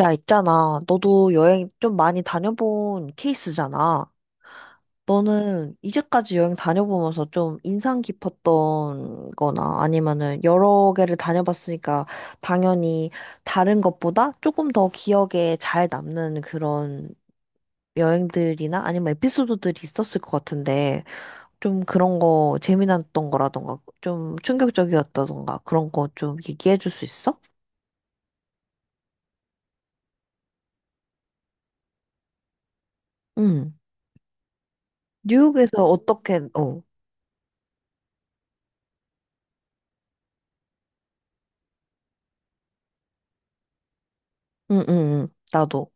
야, 있잖아. 너도 여행 좀 많이 다녀본 케이스잖아. 너는 이제까지 여행 다녀보면서 좀 인상 깊었던 거나 아니면은 여러 개를 다녀봤으니까 당연히 다른 것보다 조금 더 기억에 잘 남는 그런 여행들이나 아니면 에피소드들이 있었을 것 같은데 좀 그런 거 재미났던 거라던가 좀 충격적이었다던가 그런 거 좀 얘기해 줄 수 있어? 응. 뉴욕에서 어떻게, 어. 응, 응, 응. 나도.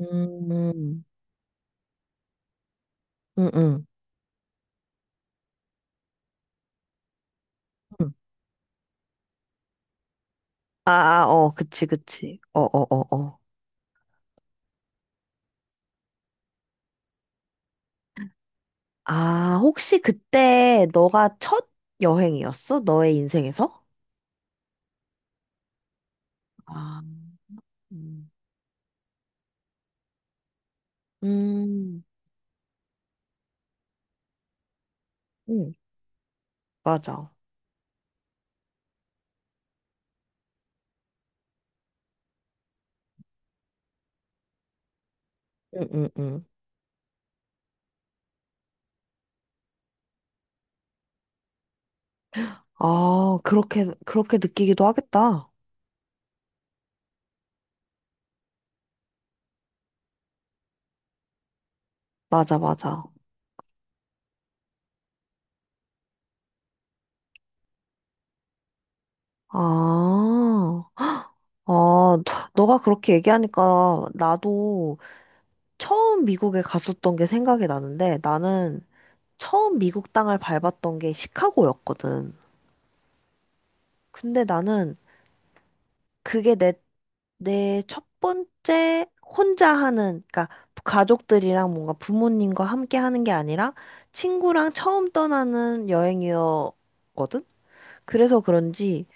음, 음, 음. 음. 아, 아, 어, 그치, 그치. 어, 어, 어, 어. 아, 혹시 그때 너가 첫 여행이었어? 너의 인생에서? 아, 음, 음, 음, 맞아. 응, 응, 응. 아, 그렇게, 그렇게 느끼기도 하겠다. 맞아, 맞아. 아, 아, 너가 그렇게 얘기하니까 나도 처음 미국에 갔었던 게 생각이 나는데 나는 처음 미국 땅을 밟았던 게 시카고였거든. 근데 나는 그게 내 첫 번째 혼자 하는, 그러니까 가족들이랑 뭔가 부모님과 함께 하는 게 아니라 친구랑 처음 떠나는 여행이었거든. 그래서 그런지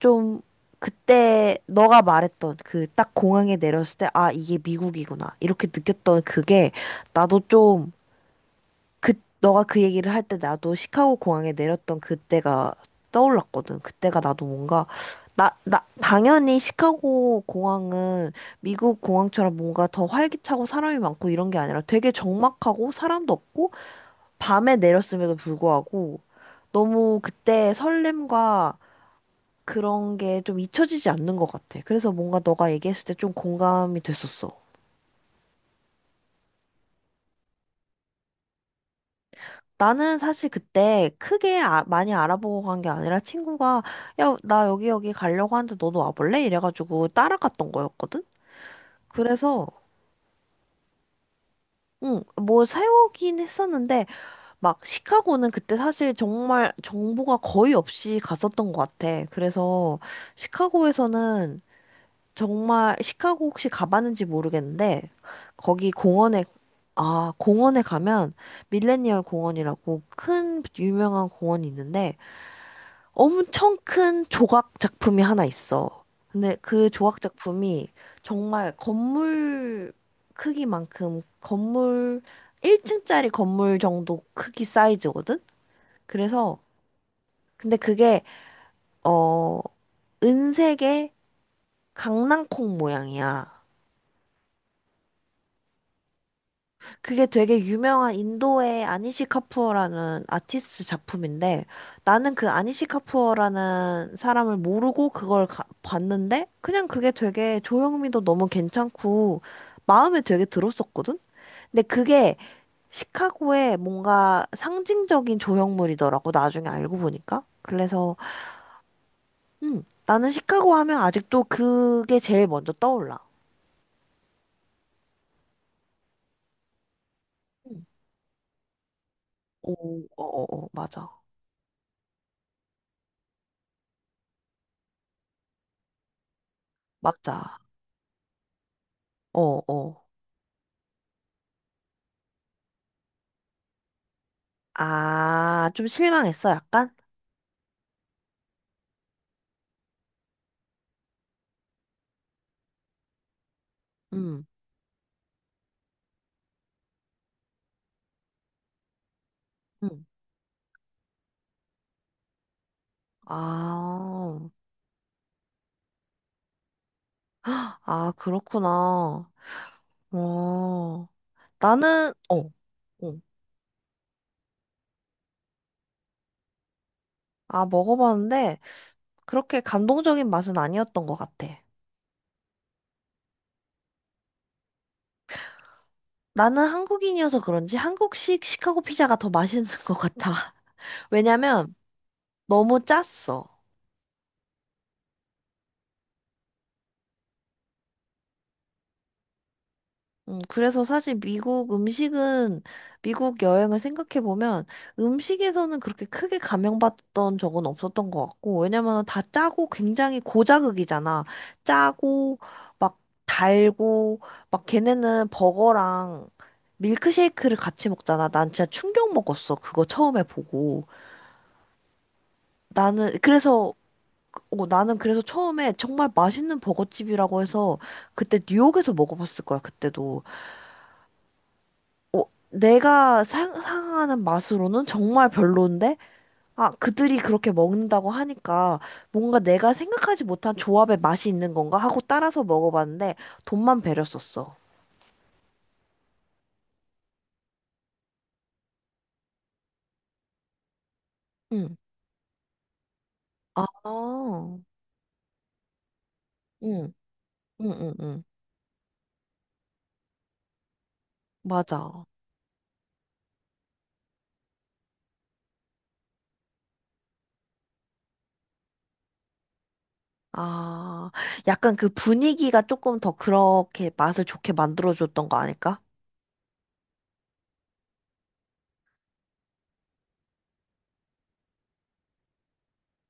좀 그때 너가 말했던 그 딱 공항에 내렸을 때, 아, 이게 미국이구나. 이렇게 느꼈던 그게 나도 좀 그, 너가 그 얘기를 할 때 나도 시카고 공항에 내렸던 그때가 떠올랐거든. 그때가 나도 뭔가, 나, 당연히 시카고 공항은 미국 공항처럼 뭔가 더 활기차고 사람이 많고 이런 게 아니라 되게 적막하고 사람도 없고 밤에 내렸음에도 불구하고 너무 그때 설렘과 그런 게 좀 잊혀지지 않는 것 같아. 그래서 뭔가 너가 얘기했을 때 좀 공감이 됐었어. 나는 사실 그때 크게 많이 알아보고 간 게 아니라 친구가 야, 나 여기 가려고 하는데 너도 와볼래? 이래가지고 따라갔던 거였거든? 그래서 응, 뭐 세우긴 했었는데 막 시카고는 그때 사실 정말 정보가 거의 없이 갔었던 것 같아. 그래서 시카고에서는 정말 시카고 혹시 가봤는지 모르겠는데 거기 공원에 아, 공원에 가면 밀레니얼 공원이라고 큰 유명한 공원이 있는데 엄청 큰 조각 작품이 하나 있어. 근데 그 조각 작품이 정말 건물 크기만큼 건물 1층짜리 건물 정도 크기 사이즈거든? 그래서 근데 그게 어 은색의 강낭콩 모양이야. 그게 되게 유명한 인도의 아니시 카푸어라는 아티스트 작품인데 나는 그 아니시 카푸어라는 사람을 모르고 그걸 봤는데 그냥 그게 되게 조형미도 너무 괜찮고 마음에 되게 들었었거든? 근데 그게 시카고의 뭔가 상징적인 조형물이더라고 나중에 알고 보니까. 그래서 나는 시카고 하면 아직도 그게 제일 먼저 떠올라. 음. 오, 어, 어, 어, 맞아. 맞아. 어, 어. 아, 좀 실망했어, 약간? 음, 음. 아, 아, 그렇구나. 어, 나는, 어, 어. 아, 먹어봤는데, 그렇게 감동적인 맛은 아니었던 것 같아. 나는 한국인이어서 그런지 한국식 시카고 피자가 더 맛있는 것 같아. 왜냐면, 너무 짰어. 그래서 사실 미국 음식은, 미국 여행을 생각해보면 음식에서는 그렇게 크게 감명받던 적은 없었던 것 같고, 왜냐면 다 짜고 굉장히 고자극이잖아. 짜고, 막 달고, 막 걔네는 버거랑 밀크쉐이크를 같이 먹잖아. 난 진짜 충격 먹었어. 그거 처음에 보고. 나는, 그래서, 나는 그래서 처음에 정말 맛있는 버거집이라고 해서 그때 뉴욕에서 먹어봤을 거야, 그때도. 어, 내가 상상하는 맛으로는 정말 별론데, 아, 그들이 그렇게 먹는다고 하니까 뭔가 내가 생각하지 못한 조합의 맛이 있는 건가 하고 따라서 먹어봤는데 돈만 배려 썼어. 응. 아, 응, 응, 응, 응. 맞아. 아, 약간 그 분위기가 조금 더 그렇게 맛을 좋게 만들어줬던 거 아닐까?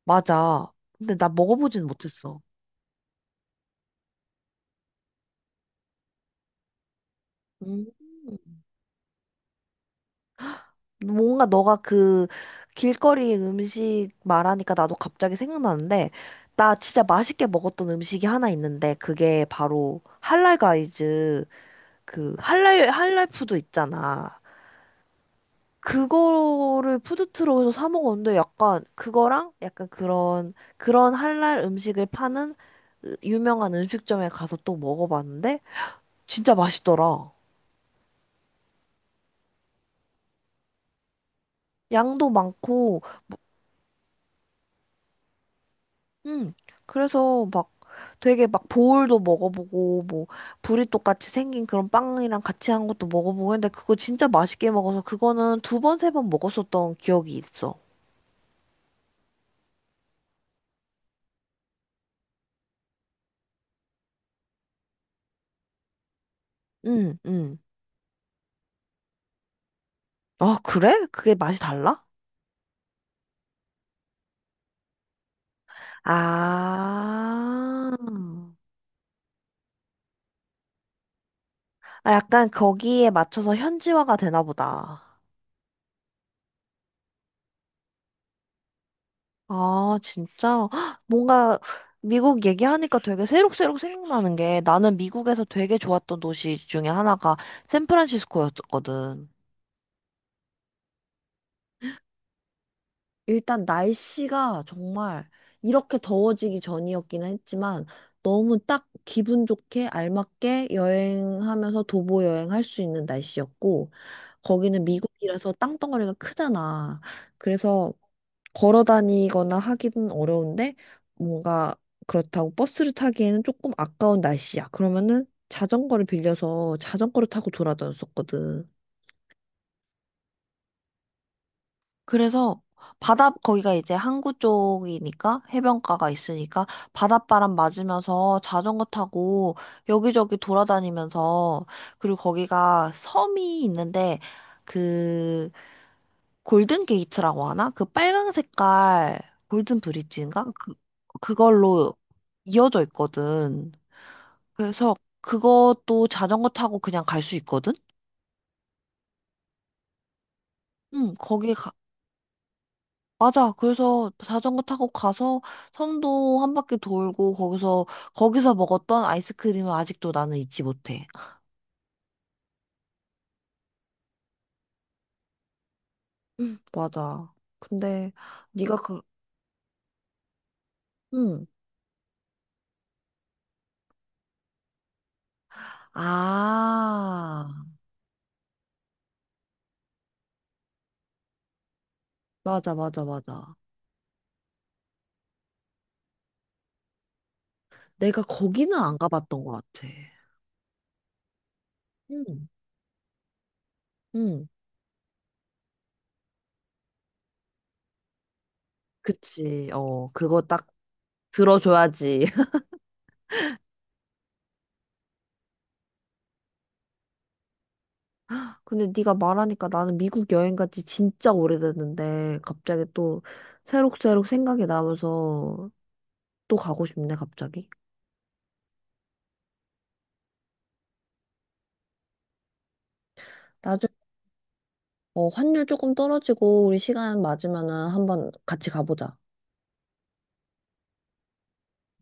맞아. 근데 나 먹어보진 못했어. 음. 뭔가 너가 그 길거리 음식 말하니까 나도 갑자기 생각나는데, 나 진짜 맛있게 먹었던 음식이 하나 있는데, 그게 바로 할랄 가이즈, 그 할랄 푸드 있잖아. 그거를 푸드트럭에서 사 먹었는데, 약간 그거랑 약간 그런, 할랄 음식을 파는 유명한 음식점에 가서 또 먹어봤는데, 진짜 맛있더라. 양도 많고, 응. 그래서 막 되게 막 보울도 먹어보고 뭐 브리또 같이 생긴 그런 빵이랑 같이 한 것도 먹어보고 했는데 그거 진짜 맛있게 먹어서 그거는 두 번, 세 번 먹었었던 기억이 있어. 응, 응. 아, 그래? 그게 맛이 달라? 아. 아, 약간 거기에 맞춰서 현지화가 되나 보다. 아, 진짜? 헉, 뭔가 미국 얘기하니까 되게 새록새록 생각나는 게 나는 미국에서 되게 좋았던 도시 중에 하나가 샌프란시스코였거든. 일단 날씨가 정말 이렇게 더워지기 전이었기는 했지만 너무 딱 기분 좋게 알맞게 여행하면서 도보 여행할 수 있는 날씨였고 거기는 미국이라서 땅덩어리가 크잖아. 그래서 걸어 다니거나 하기는 어려운데 뭔가 그렇다고 버스를 타기에는 조금 아까운 날씨야. 그러면은 자전거를 빌려서 자전거를 타고 돌아다녔었거든. 그래서 바다 거기가 이제 항구 쪽이니까 해변가가 있으니까 바닷바람 맞으면서 자전거 타고 여기저기 돌아다니면서 그리고 거기가 섬이 있는데 그 골든 게이트라고 하나? 그 빨강 색깔 골든 브릿지인가? 그걸로 이어져 있거든. 그래서 그것도 자전거 타고 그냥 갈 수 있거든? 응, 거기 가, 맞아. 그래서 자전거 타고 가서 섬도 한 바퀴 돌고 거기서 먹었던 아이스크림은 아직도 나는 잊지 못해. 응 맞아. 근데 네가 그, 응. 아, 맞아, 맞아, 맞아. 내가 거기는 안 가봤던 것 같아. 응 응, 그치. 그거 딱 들어줘야지. 근데 네가 말하니까 나는 미국 여행 간지 진짜 오래됐는데 갑자기 또 새록새록 생각이 나면서 또 가고 싶네 갑자기. 나중에 환율 조금 떨어지고 우리 시간 맞으면은 한번 같이 가보자.